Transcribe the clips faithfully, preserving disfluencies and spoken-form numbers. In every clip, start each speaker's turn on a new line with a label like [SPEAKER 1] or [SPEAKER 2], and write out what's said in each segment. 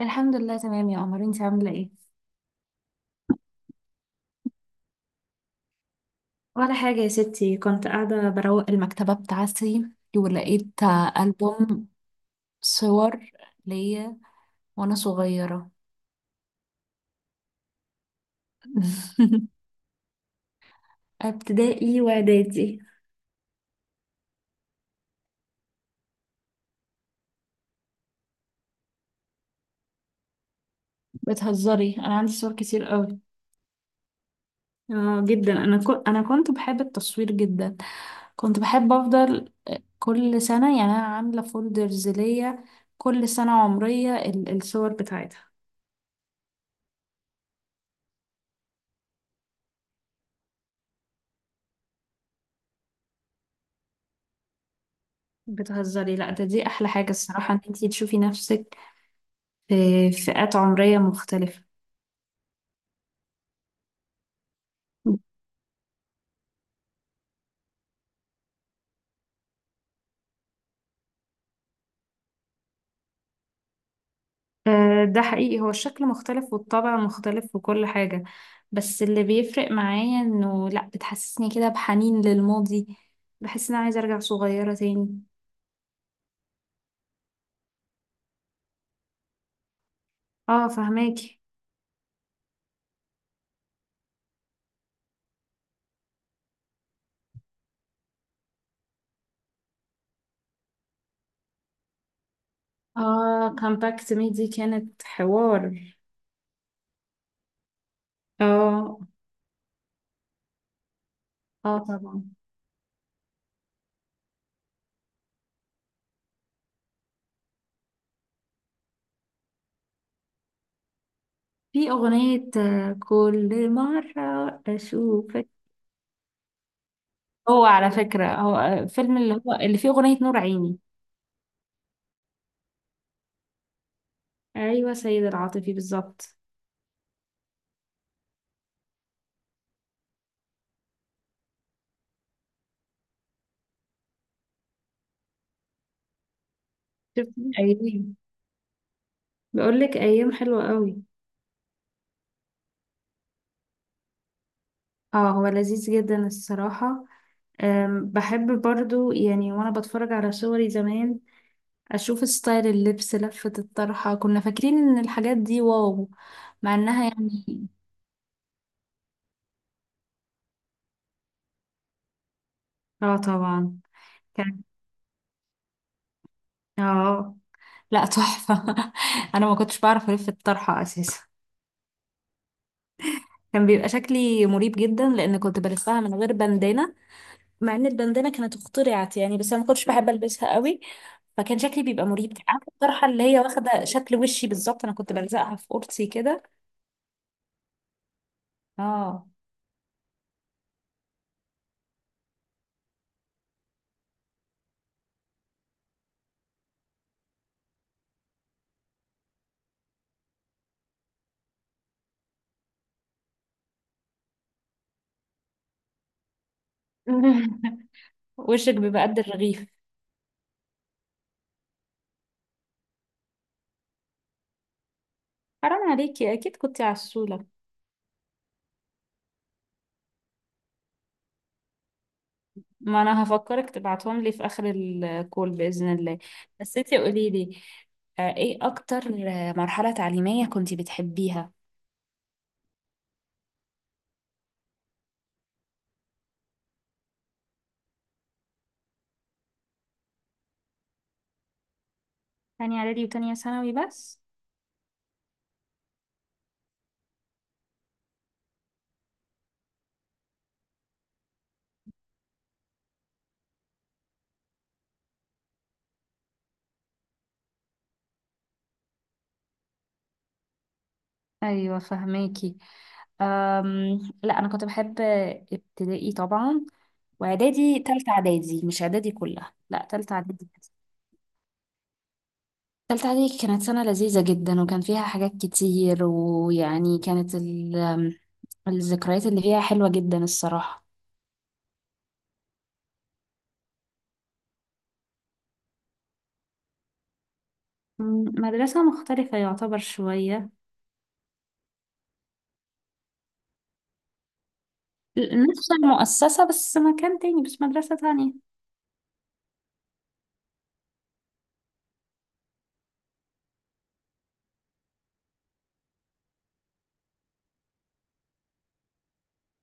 [SPEAKER 1] الحمد لله تمام يا قمر، انت عامله ايه؟ ولا حاجه يا ستي، كنت قاعده بروق المكتبه بتاعتي ولقيت ألبوم صور ليا وانا صغيره. ابتدائي واعدادي. بتهزري؟ انا عندي صور كتير قوي. اه جدا، انا كو... انا كنت بحب التصوير جدا. كنت بحب افضل كل سنه، يعني انا عامله فولدرز ليا كل سنه عمريه ال- الصور بتاعتها. بتهزري؟ لا، ده دي احلى حاجه الصراحه، ان انتي تشوفي نفسك في فئات عمرية مختلفة. آه، ده حقيقي، هو الشكل مختلف والطبع مختلف وكل حاجة. بس اللي بيفرق معايا انه لا، بتحسسني كده بحنين للماضي، بحس ان انا عايزة ارجع صغيرة تاني. اه فهماكي. اه، كامباكت مي دي كانت حوار. اه. اه طبعا. في اغنية آه، كل مرة اشوفك. هو على فكرة هو آه، فيلم اللي هو اللي فيه اغنية نور عيني. ايوه، سيد العاطفي بالظبط. شفت ايام؟ بقول لك ايام حلوه قوي. اه، هو لذيذ جدا الصراحه. أم، بحب برضو يعني وانا بتفرج على صوري زمان اشوف ستايل اللبس، لفه الطرحه. كنا فاكرين ان الحاجات دي واو. مع انها يعني، اه طبعا. كان، اه، لا تحفه. انا ما كنتش بعرف الف الطرحه اساسا. كان بيبقى شكلي مريب جدا لان كنت بلفها من غير بندانه، مع ان البندانه كانت اخترعت يعني، بس انا ما كنتش بحب البسها قوي. فكان شكلي بيبقى مريب. عارفه الطرحه اللي هي واخده شكل وشي بالظبط؟ انا كنت بلزقها في قرصي كده. اه. وشك بيبقى قد الرغيف. حرام عليكي، اكيد كنتي عسوله. ما انا هفكرك تبعتهم لي في اخر الكول باذن الله. بس انتي قولي لي، آه، ايه اكتر آه، مرحله تعليميه كنتي بتحبيها؟ تانية اعدادي وتانية ثانوي بس؟ ايوه فهماكي. أم... لا انا كنت بحب ابتدائي طبعا، واعدادي. تالتة اعدادي، مش اعدادي كلها، لا تالتة اعدادي بس. تالتة اعدادي كانت سنة لذيذة جدا، وكان فيها حاجات كتير، ويعني كانت ال... الذكريات اللي فيها حلوة جدا الصراحة. مم، مدرسة مختلفة يعتبر شوية. ل- نفس المؤسسة، بس مكان تاني، بس مدرسة تانية.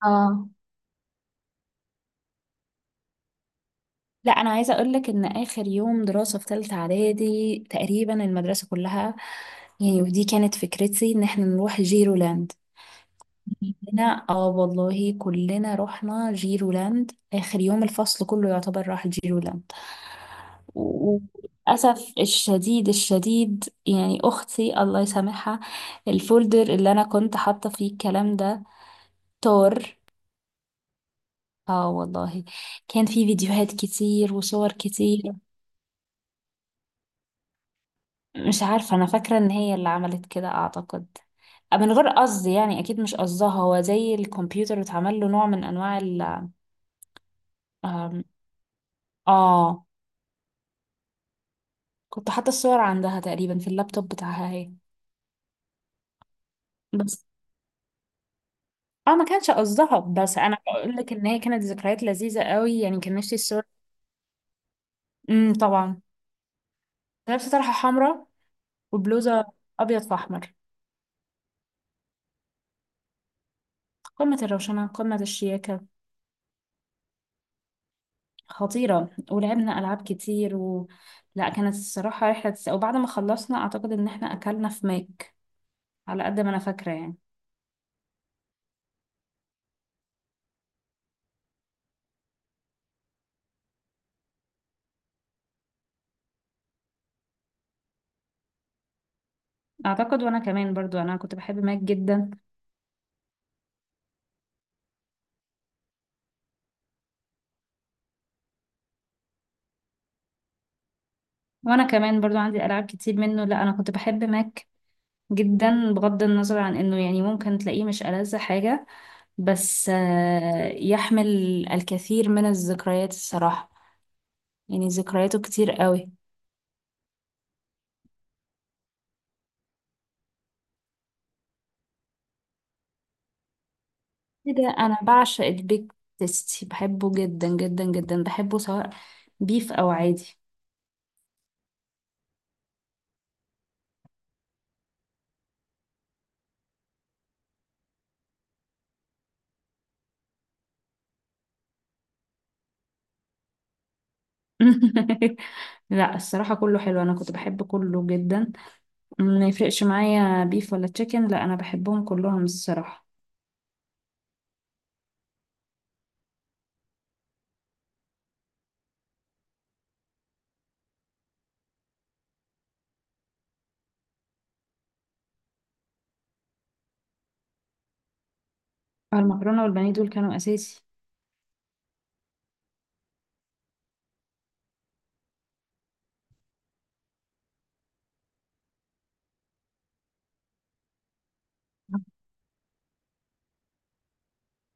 [SPEAKER 1] اه. لا انا عايزه اقول لك ان اخر يوم دراسه في ثالثه اعدادي تقريبا المدرسه كلها، يعني ودي كانت فكرتي، ان احنا نروح جيرولاند. هنا اه والله، كلنا رحنا جيرولاند اخر يوم، الفصل كله يعتبر راح جيرولاند. وللاسف الشديد الشديد، يعني اختي الله يسامحها، الفولدر اللي انا كنت حاطه فيه الكلام ده طار. اه والله، كان في فيديوهات كتير وصور كتير. مش عارفة، أنا فاكرة إن هي اللي عملت كده أعتقد، آه، من غير قصد يعني، أكيد مش قصدها، هو زي الكمبيوتر اتعمل له نوع من أنواع ال... آم، آه. كنت حاطة الصور عندها تقريبا في اللابتوب بتاعها هي. بس آه، ما كانش قصدها. بس أنا بقول لك إن هي كانت ذكريات لذيذة قوي، يعني كان نفسي الصور. امم طبعا، لابسة طرحة حمراء وبلوزة أبيض في أحمر. قمة الروشنة، قمة الشياكة، خطيرة. ولعبنا ألعاب كتير و... لا كانت الصراحة رحلة تس... وبعد ما خلصنا أعتقد إن احنا أكلنا في ماك، على قد ما أنا فاكرة يعني. أعتقد، وأنا كمان برضو، أنا كنت بحب ماك جدا. وأنا كمان برضو عندي ألعاب كتير منه. لا أنا كنت بحب ماك جدا، بغض النظر عن إنه يعني ممكن تلاقيه مش ألذ حاجة، بس آه، يحمل الكثير من الذكريات الصراحة، يعني ذكرياته كتير قوي. كده؟ انا بعشق البيك تيستي، بحبه جدا جدا جدا، بحبه سواء بيف او عادي. لا الصراحة كله حلو، انا كنت بحب كله جدا. ما يفرقش معايا بيف ولا تشيكن، لا انا بحبهم كلهم الصراحة. المكرونة والبانيه دول كانوا اساسي.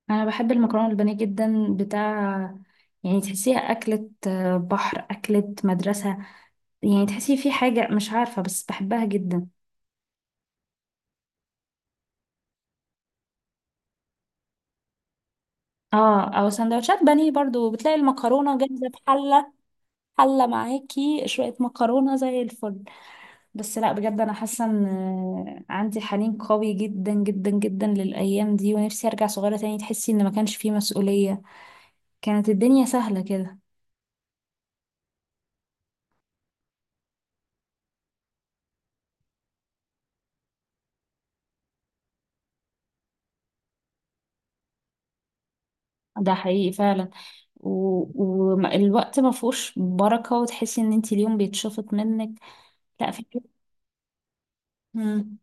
[SPEAKER 1] انا بحب المكرونة والبانيه جدا بتاع، يعني تحسيها أكلة بحر، أكلة مدرسة، يعني تحسي في حاجة مش عارفة، بس بحبها جدا. اه، او سندوتشات بانيه برضو، بتلاقي المكرونة جاهزة في حلة، حلة معاكي شوية مكرونة زي الفل. بس لا بجد، أنا حاسة إن عندي حنين قوي جدا جدا جدا للأيام دي، ونفسي أرجع صغيرة تاني. تحسي إن ما كانش فيه مسؤولية، كانت الدنيا سهلة كده. ده حقيقي فعلا، والوقت ما فيهوش بركة، وتحسي إن انتي اليوم بيتشفط منك. لا في. مم.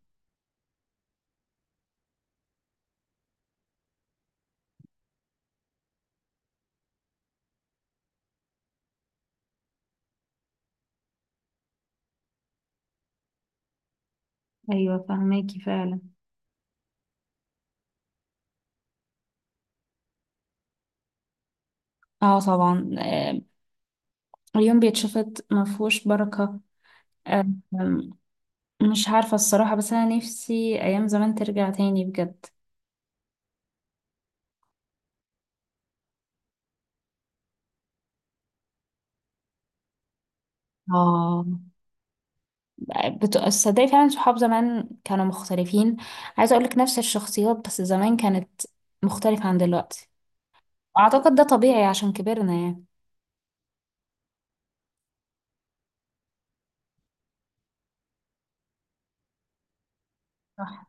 [SPEAKER 1] أيوة فهماكي فعلا. اه طبعا، آه، اليوم بيتشفط، ما فيهوش بركة. آه، مش عارفة الصراحة، بس أنا نفسي أيام زمان ترجع تاني بجد. اه، بت- تصدقي فعلا صحاب زمان كانوا مختلفين. عايزة أقولك، نفس الشخصيات بس زمان كانت مختلفة عن دلوقتي. أعتقد ده طبيعي عشان كبرنا يعني. صح.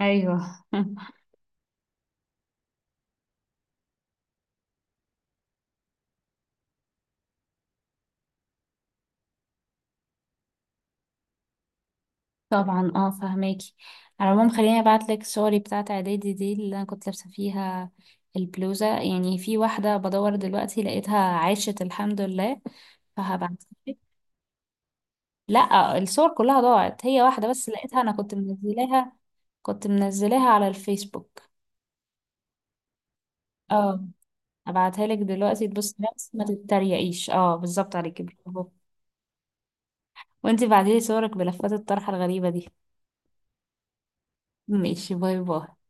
[SPEAKER 1] أيوه. طبعا، اه فهماكي. على العموم خليني أبعتلك صوري بتاعة إعدادي دي اللي أنا كنت لابسة فيها البلوزة، يعني في واحدة بدور دلوقتي لقيتها، عاشت الحمد لله. فهبعت. لا الصور كلها ضاعت، هي واحدة بس لقيتها، أنا كنت منزلاها. كنت منزلاها على الفيسبوك. اه، ابعتها لك دلوقتي، تبص بس ما تتريقيش. اه بالظبط عليكي برافو. وانتي بعتيلي صورك بلفات الطرحة الغريبة دي. ماشي، باي باي.